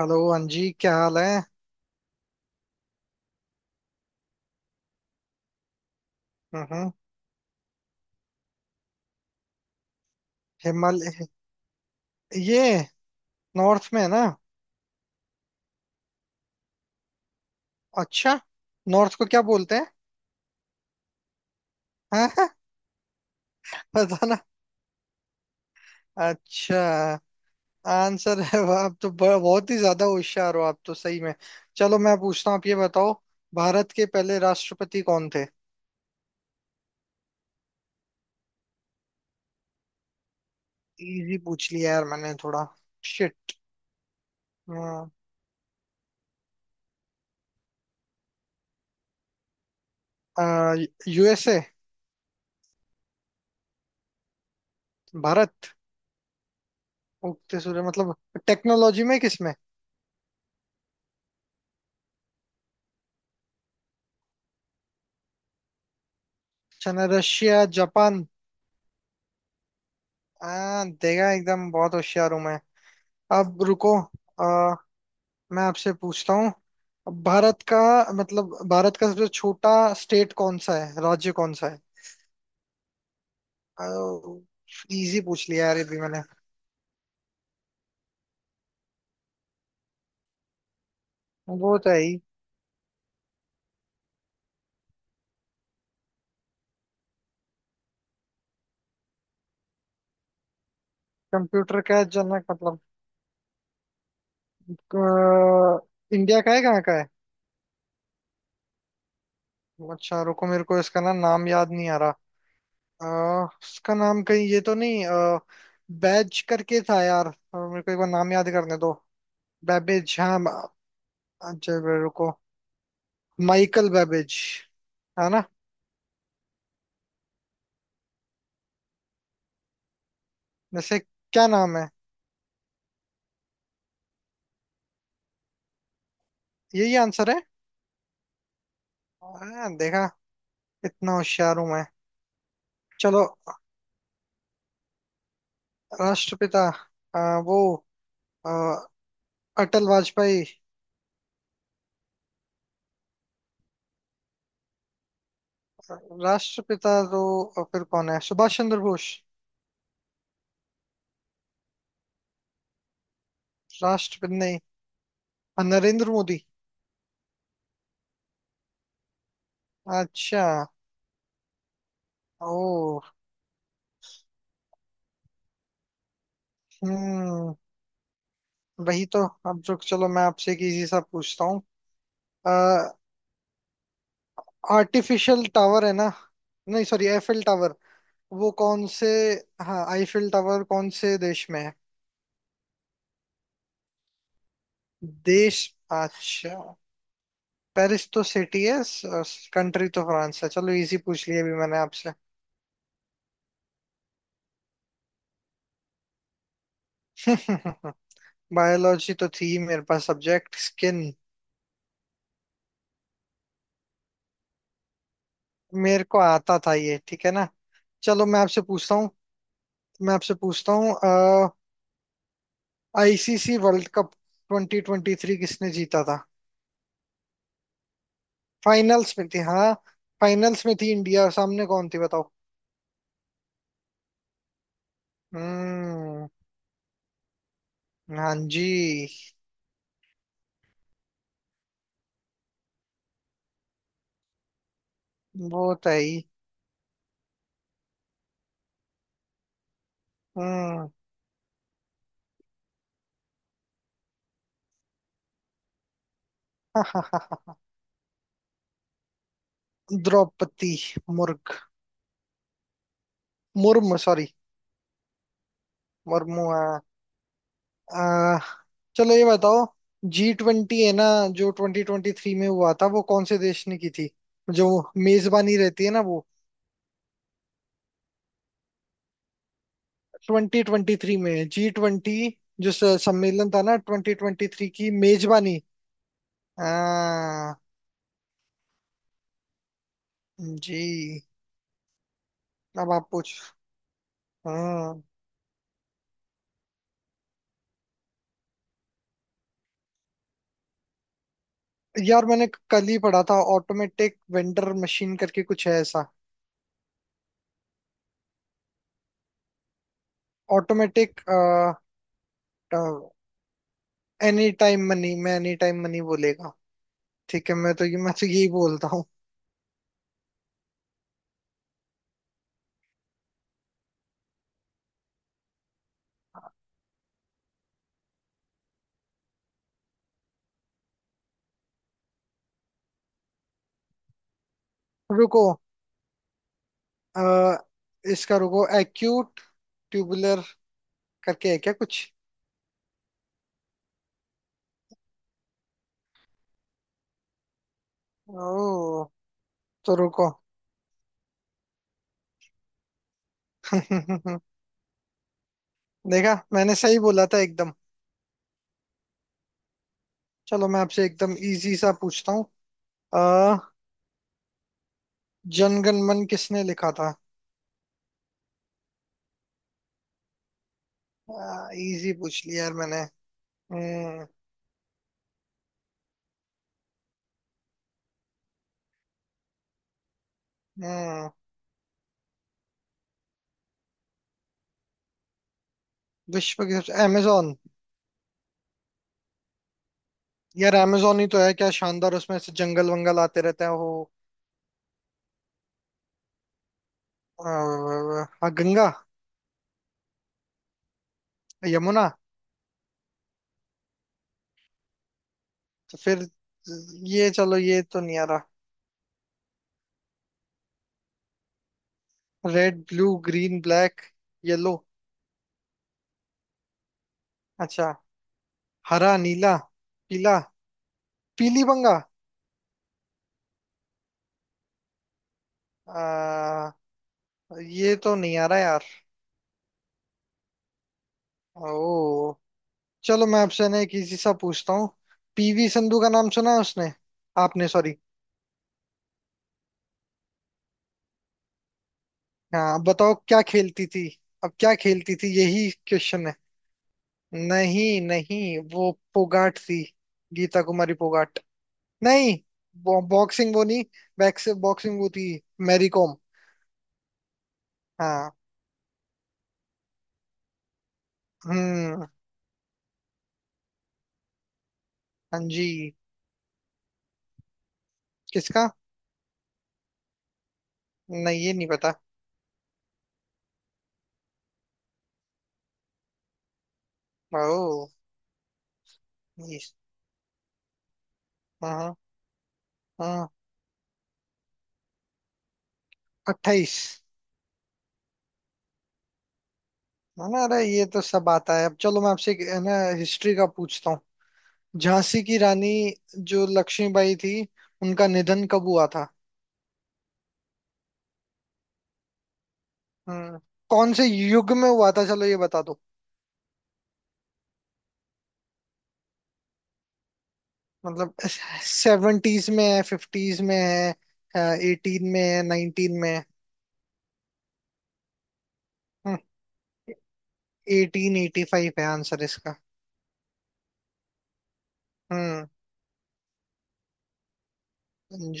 Hello Anji, क्या हाल है। हम्म। हिमालय ये नॉर्थ में है ना। अच्छा। नॉर्थ को क्या बोलते हैं? हाँ, हाँ, पता ना। अच्छा। आंसर है, वाह, आप तो बहुत ही ज्यादा होशियार हो, आप तो सही में। चलो, मैं पूछता हूँ, आप ये बताओ, भारत के पहले राष्ट्रपति कौन थे? इजी पूछ लिया यार मैंने थोड़ा। शिट। यूएसए। भारत। उगते सूर्य मतलब? टेक्नोलॉजी में, किसमें? अच्छा, ना, रशिया, जापान। देखा, एकदम बहुत होशियार हूं मैं। अब रुको। आ, मैं आपसे पूछता हूँ। भारत का मतलब, भारत का सबसे छोटा स्टेट कौन सा है, राज्य कौन सा है? इजी पूछ लिया यार ये भी मैंने। वो तो है ही। कंप्यूटर का जनक मतलब, अ, इंडिया का है, कहाँ का है? अच्छा रुको, मेरे को इसका ना नाम याद नहीं आ रहा। इसका नाम, कहीं ये तो नहीं, बैज करके था यार, मेरे को एक बार नाम याद करने दो। बैबेज, हाँ। अच्छा रुको। माइकल बेबेज, है ना? वैसे क्या नाम है? यही आंसर है। देखा, इतना होशियार हूं मैं। चलो। राष्ट्रपिता वो आ, अटल वाजपेयी। राष्ट्रपिता तो फिर कौन है, सुभाष चंद्र बोस? राष्ट्रपति नहीं, नरेंद्र मोदी। अच्छा। ओ। हम्म। वही तो। अब रुक, चलो मैं आपसे एक इजी सा पूछता हूँ। आर्टिफिशियल टावर है ना, नहीं सॉरी, एफिल टावर। वो कौन से, हाँ, आईफिल टावर कौन से देश में है, देश? अच्छा। पेरिस तो सिटी है, कंट्री तो फ्रांस है। चलो इजी पूछ लिया अभी मैंने आपसे। बायोलॉजी तो थी मेरे पास सब्जेक्ट, स्किन। मेरे को आता था ये, ठीक है ना। चलो मैं आपसे पूछता हूँ, मैं आपसे पूछता हूँ, आईसीसी वर्ल्ड कप 2023 किसने जीता था? फाइनल्स में थी, हाँ, फाइनल्स में थी इंडिया, सामने कौन थी बताओ? हम्म। हाँ जी। वो तो है ही। हम्म। द्रौपदी मुर्ग। मुर्म, सॉरी। मुर्मुआ। आ, चलो ये बताओ, G20 है ना, जो 2023 में हुआ था, वो कौन से देश ने की थी, जो मेजबानी रहती है ना वो, 2023 में G20, जो सम्मेलन था ना, 2023 की मेजबानी? आ, जी। अब आप पूछ। हाँ। यार, मैंने कल ही पढ़ा था, ऑटोमेटिक वेंडर मशीन करके कुछ है ऐसा। ऑटोमेटिक। एनी टाइम मनी, मैं एनी टाइम मनी बोलेगा। ठीक है, मैं तो यही बोलता हूँ। रुको। आ, इसका रुको, एक्यूट ट्यूबुलर करके है क्या कुछ? ओ। तो रुको। देखा, मैंने सही बोला था एकदम। चलो मैं आपसे एकदम इजी सा पूछता हूँ। अ, जनगण मन किसने लिखा था? इजी पूछ लिया यार मैंने। हम्म। हम्म। विश्व की सबसे, अमेजोन। यार अमेजोन ही तो है, क्या शानदार उसमें से जंगल वंगल आते रहते हैं वो। अ, हाँ, गंगा। यमुना। तो फिर? ये चलो, ये तो नहीं आ रहा। Red, blue, green, black, yellow. अच्छा। हरा, नीला, पीला। पीली बंगा। अ, ये तो नहीं आ रहा यार। ओ। चलो मैं आपसे ना एक इजी सा पूछता हूँ। पीवी संधू का नाम सुना है उसने, आपने सॉरी। हाँ, बताओ क्या खेलती थी? अब क्या खेलती थी, यही क्वेश्चन है। नहीं नहीं, वो फोगाट थी, गीता कुमारी फोगाट। नहीं। बॉक्सिंग वो नहीं। बैक्स, बॉक्सिंग वो थी मैरी कॉम। हाँ। हम्म। हाँ जी। किसका? नहीं, ये नहीं पता। ओ। ये। हाँ। हाँ, 28। है ना, अरे ये तो सब आता है। अब चलो मैं आपसे एक, है ना, हिस्ट्री का पूछता हूँ। झांसी की रानी जो लक्ष्मीबाई थी, उनका निधन कब हुआ था? हम्म। कौन से युग में हुआ था, चलो ये बता दो। मतलब, सेवेंटीज में है, फिफ्टीज में है, एटीन में है, नाइनटीन में है? हम्म, 1885 है आंसर इसका। हम्म।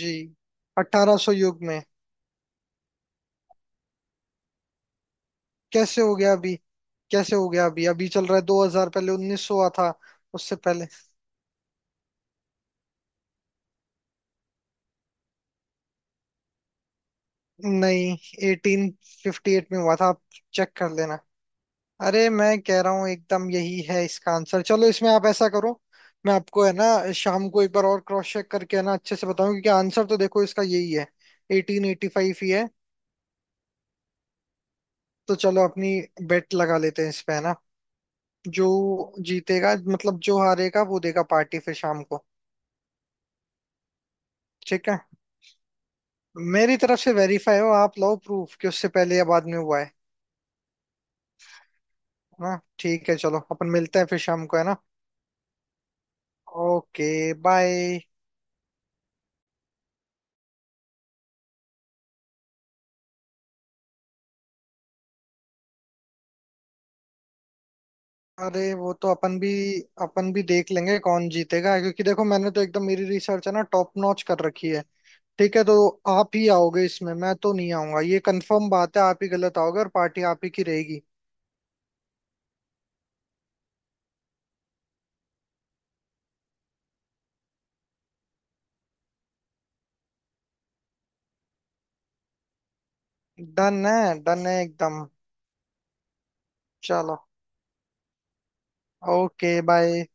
जी। 1800 युग में। कैसे हो गया अभी, कैसे हो गया अभी, अभी चल रहा है 2000, पहले 1900 हुआ था, उससे पहले। नहीं, 1858 में हुआ था, आप चेक कर लेना। अरे मैं कह रहा हूँ, एकदम यही है इसका आंसर। चलो इसमें आप ऐसा करो, मैं आपको है ना शाम को एक बार और क्रॉस चेक करके है ना अच्छे से बताऊं, क्योंकि आंसर तो देखो इसका यही है, 1885 ही है। तो चलो अपनी बेट लगा लेते हैं इस पे, है ना। जो जीतेगा, मतलब जो हारेगा वो देगा पार्टी फिर शाम को। ठीक है। मेरी तरफ से वेरीफाई हो, आप लाओ प्रूफ कि उससे पहले या बाद में हुआ है ना। ठीक है, चलो अपन मिलते हैं फिर शाम को, है ना। Okay, bye. अरे वो तो अपन भी, अपन भी देख लेंगे कौन जीतेगा, क्योंकि देखो मैंने तो एकदम मेरी रिसर्च है ना टॉप नॉच कर रखी है। ठीक है, तो आप ही आओगे इसमें, मैं तो नहीं आऊंगा, ये कंफर्म बात है, आप ही गलत आओगे और पार्टी आप ही की रहेगी। डन है, डन है एकदम। चलो। Okay, bye.